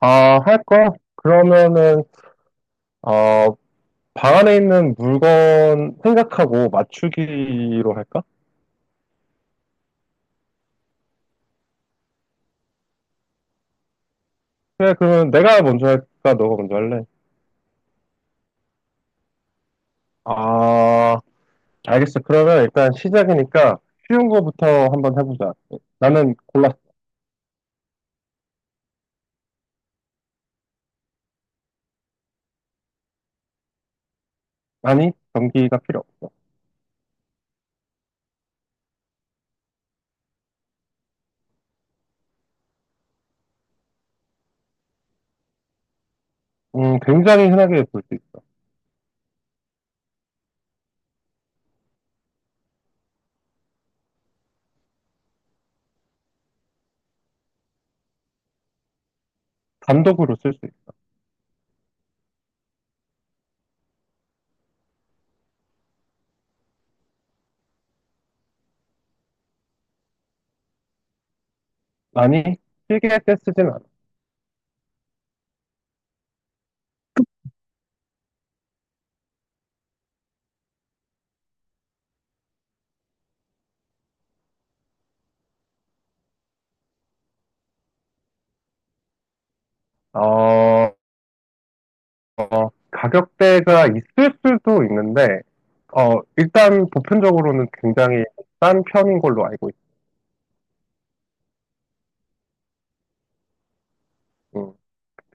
아, 할 거? 그러면은, 어, 방 안에 있는 물건 생각하고 맞추기로 할까? 그래, 그러면 내가 먼저 할까? 너가 먼저 할래? 아, 알겠어. 그러면 일단 시작이니까 쉬운 거부터 한번 해보자. 나는 골랐어. 아니, 전기가 필요 없어. 굉장히 흔하게 볼 수 있어. 단독으로 쓸 수 있어. 아니, 필기할 때 쓰진 않아. 어, 가격대가 있을 수도 있는데, 일단 보편적으로는 굉장히 싼 편인 걸로 알고 있어. 음,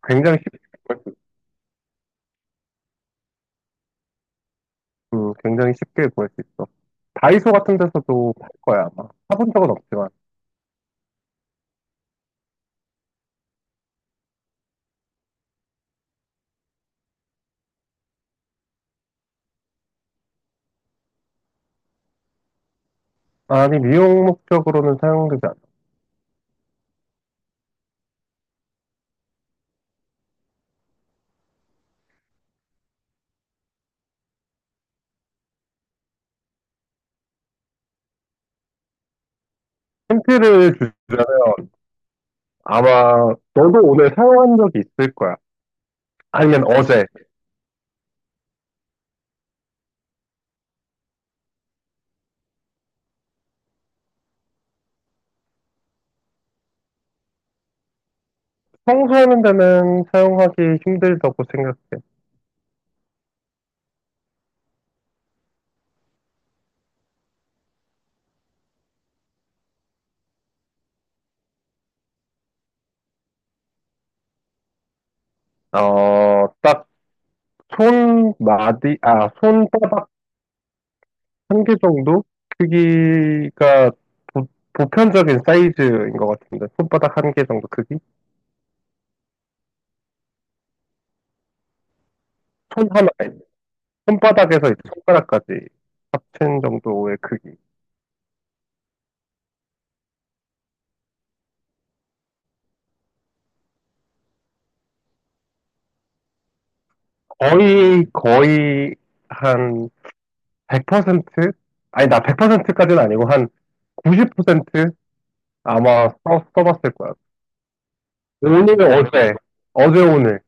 굉장히 쉽, 굉장히 쉽게 구할 수 있어. 다이소 같은 데서도 팔 거야, 아마. 사본 적은 없지만. 아니, 미용 목적으로는 사용되지 않아. 힌트를 주자면 아마 너도 오늘 사용한 적이 있을 거야. 아니면 어제. 청소하는 데는 사용하기 힘들다고 생각해. 딱 손마디, 아, 손바닥 한 개 정도? 크기가 보, 보편적인 사이즈인 것 같은데 손바닥 한 개 정도 크기? 손 하나에 손바닥에서 이제 손가락까지 합친 정도의 크기. 거의 거의 한 100%? 아니, 나 100%까지는 아니고 한 90% 아마 써봤을 거야. 오늘 어제, 어제 오늘.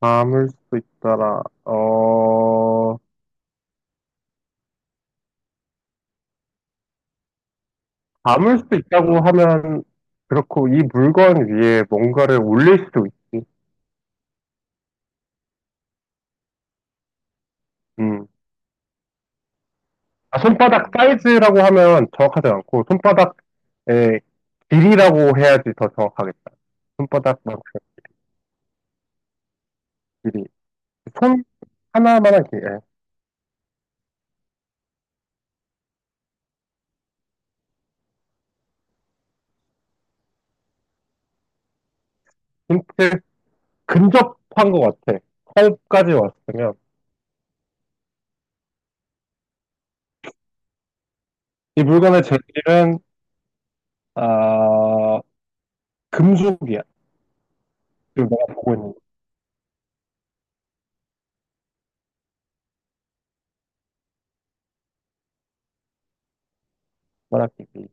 담을 수 있더라. 담을 수 있다고 하면 그렇고, 이 물건 위에 뭔가를 올릴 수도 있지. 음. 아, 손바닥 사이즈라고 하면 정확하지 않고 손바닥의 길이라고 해야지 더 정확하겠다. 손바닥만큼 길이. 손 하나만한 길이. 예. 힌트, 근접한 것 같아. 컵까지 왔으면. 이 물건의 재질은 아 금속이야. 지금 내가 보고 있는, 만한 길이.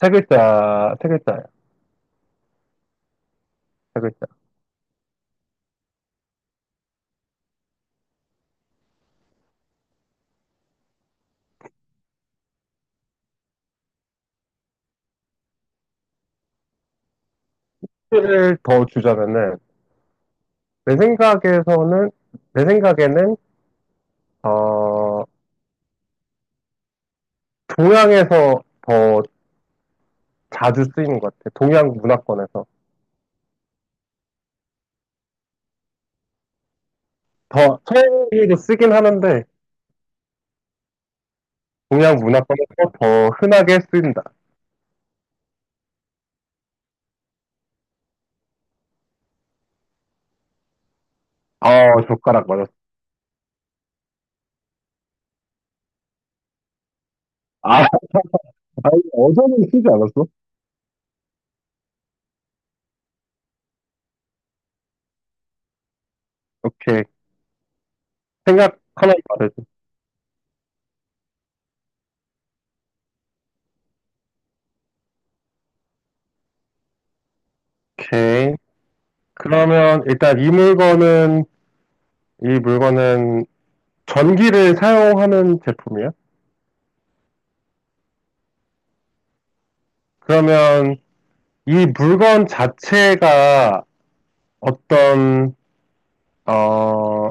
세 글자, 세 글자야. 세 글자. 힌트를 더 주자면은, 내 생각에서는, 내 생각에는, 어, 동양에서 더 자주 쓰이는 것 같아. 동양 문화권에서. 더, 서양에도 쓰긴 하는데, 동양 문화권에서 더 흔하게 쓰인다. 아, 젓가락 맞았어. 아, 아니, 어제는 쓰지 않았어? 오케이. 생각 하나만 말해줘. 오케이. 그러면 일단 이 물건은 전기를 사용하는 제품이야? 그러면 이 물건 자체가 어떤, 어,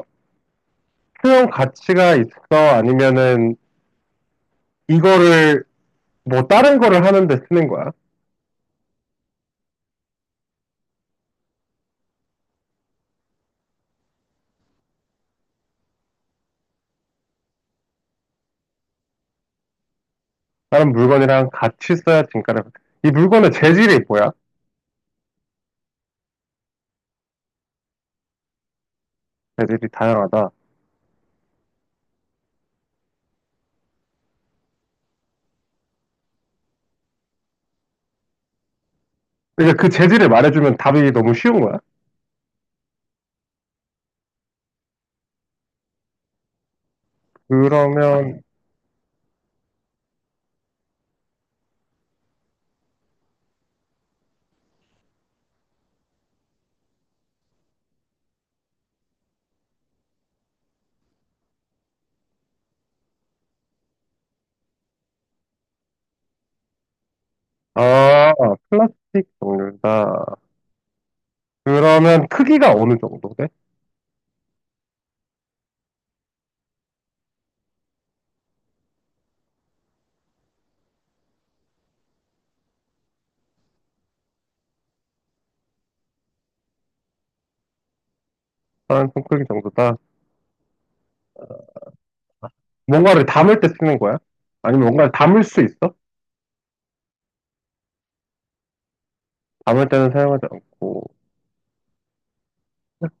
수용 가치가 있어? 아니면은 이거를 뭐 다른 거를 하는데 쓰는 거야? 다른 물건이랑 같이 써야 진가를. 이 물건의 재질이 뭐야? 재질이 다양하다. 그러니까 그 재질을 말해주면 답이 너무 쉬운 거야. 그러면, 아, 플라스틱 종류다. 그러면 크기가 어느 정도 돼? 사람 손 크기 정도다. 뭔가를 담을 때 쓰는 거야? 아니면 뭔가를 담을 수 있어? 담을 때는 사용하지 않고.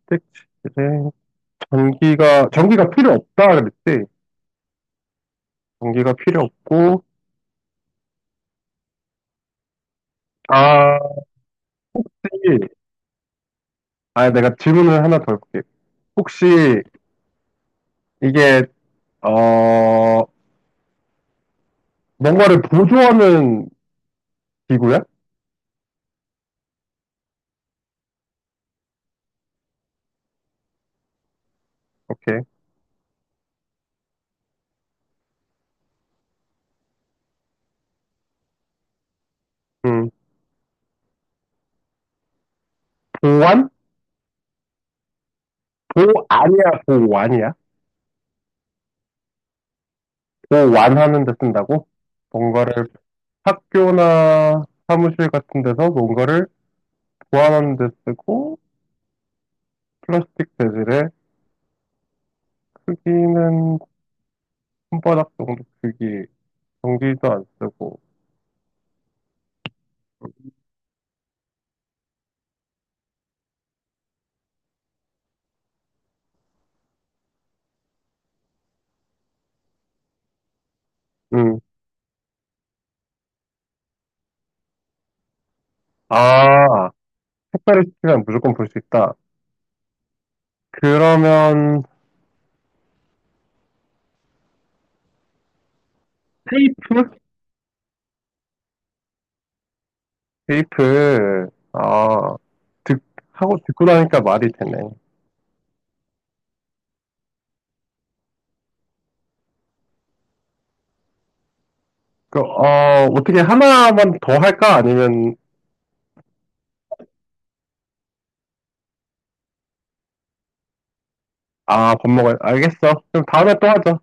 스틱 재질. 전기가 필요 없다 그랬지. 전기가 필요 없고, 아, 혹시- 아, 내가 질문을 하나 더 해볼게. 혹시 이게, 어, 뭔가를 보조하는 기구야? 오케이. 음, 보완? 보안이야, 보완이야? 보완하는 데 쓴다고? 뭔가를 학교나 사무실 같은 데서 뭔가를 보완하는 데 쓰고, 플라스틱 재질의 크기는 손바닥 정도 크기, 전기도 안 쓰고, 음, 아, 색깔을 시키면 무조건 볼 수 있다. 그러면 테이프? 테이프. 아, 듣, 하고 듣고 나니까 말이 되네. 어떻게 하나만 더 할까, 아니면? 아, 밥 먹어야 알겠어. 그럼 다음에 또 하자.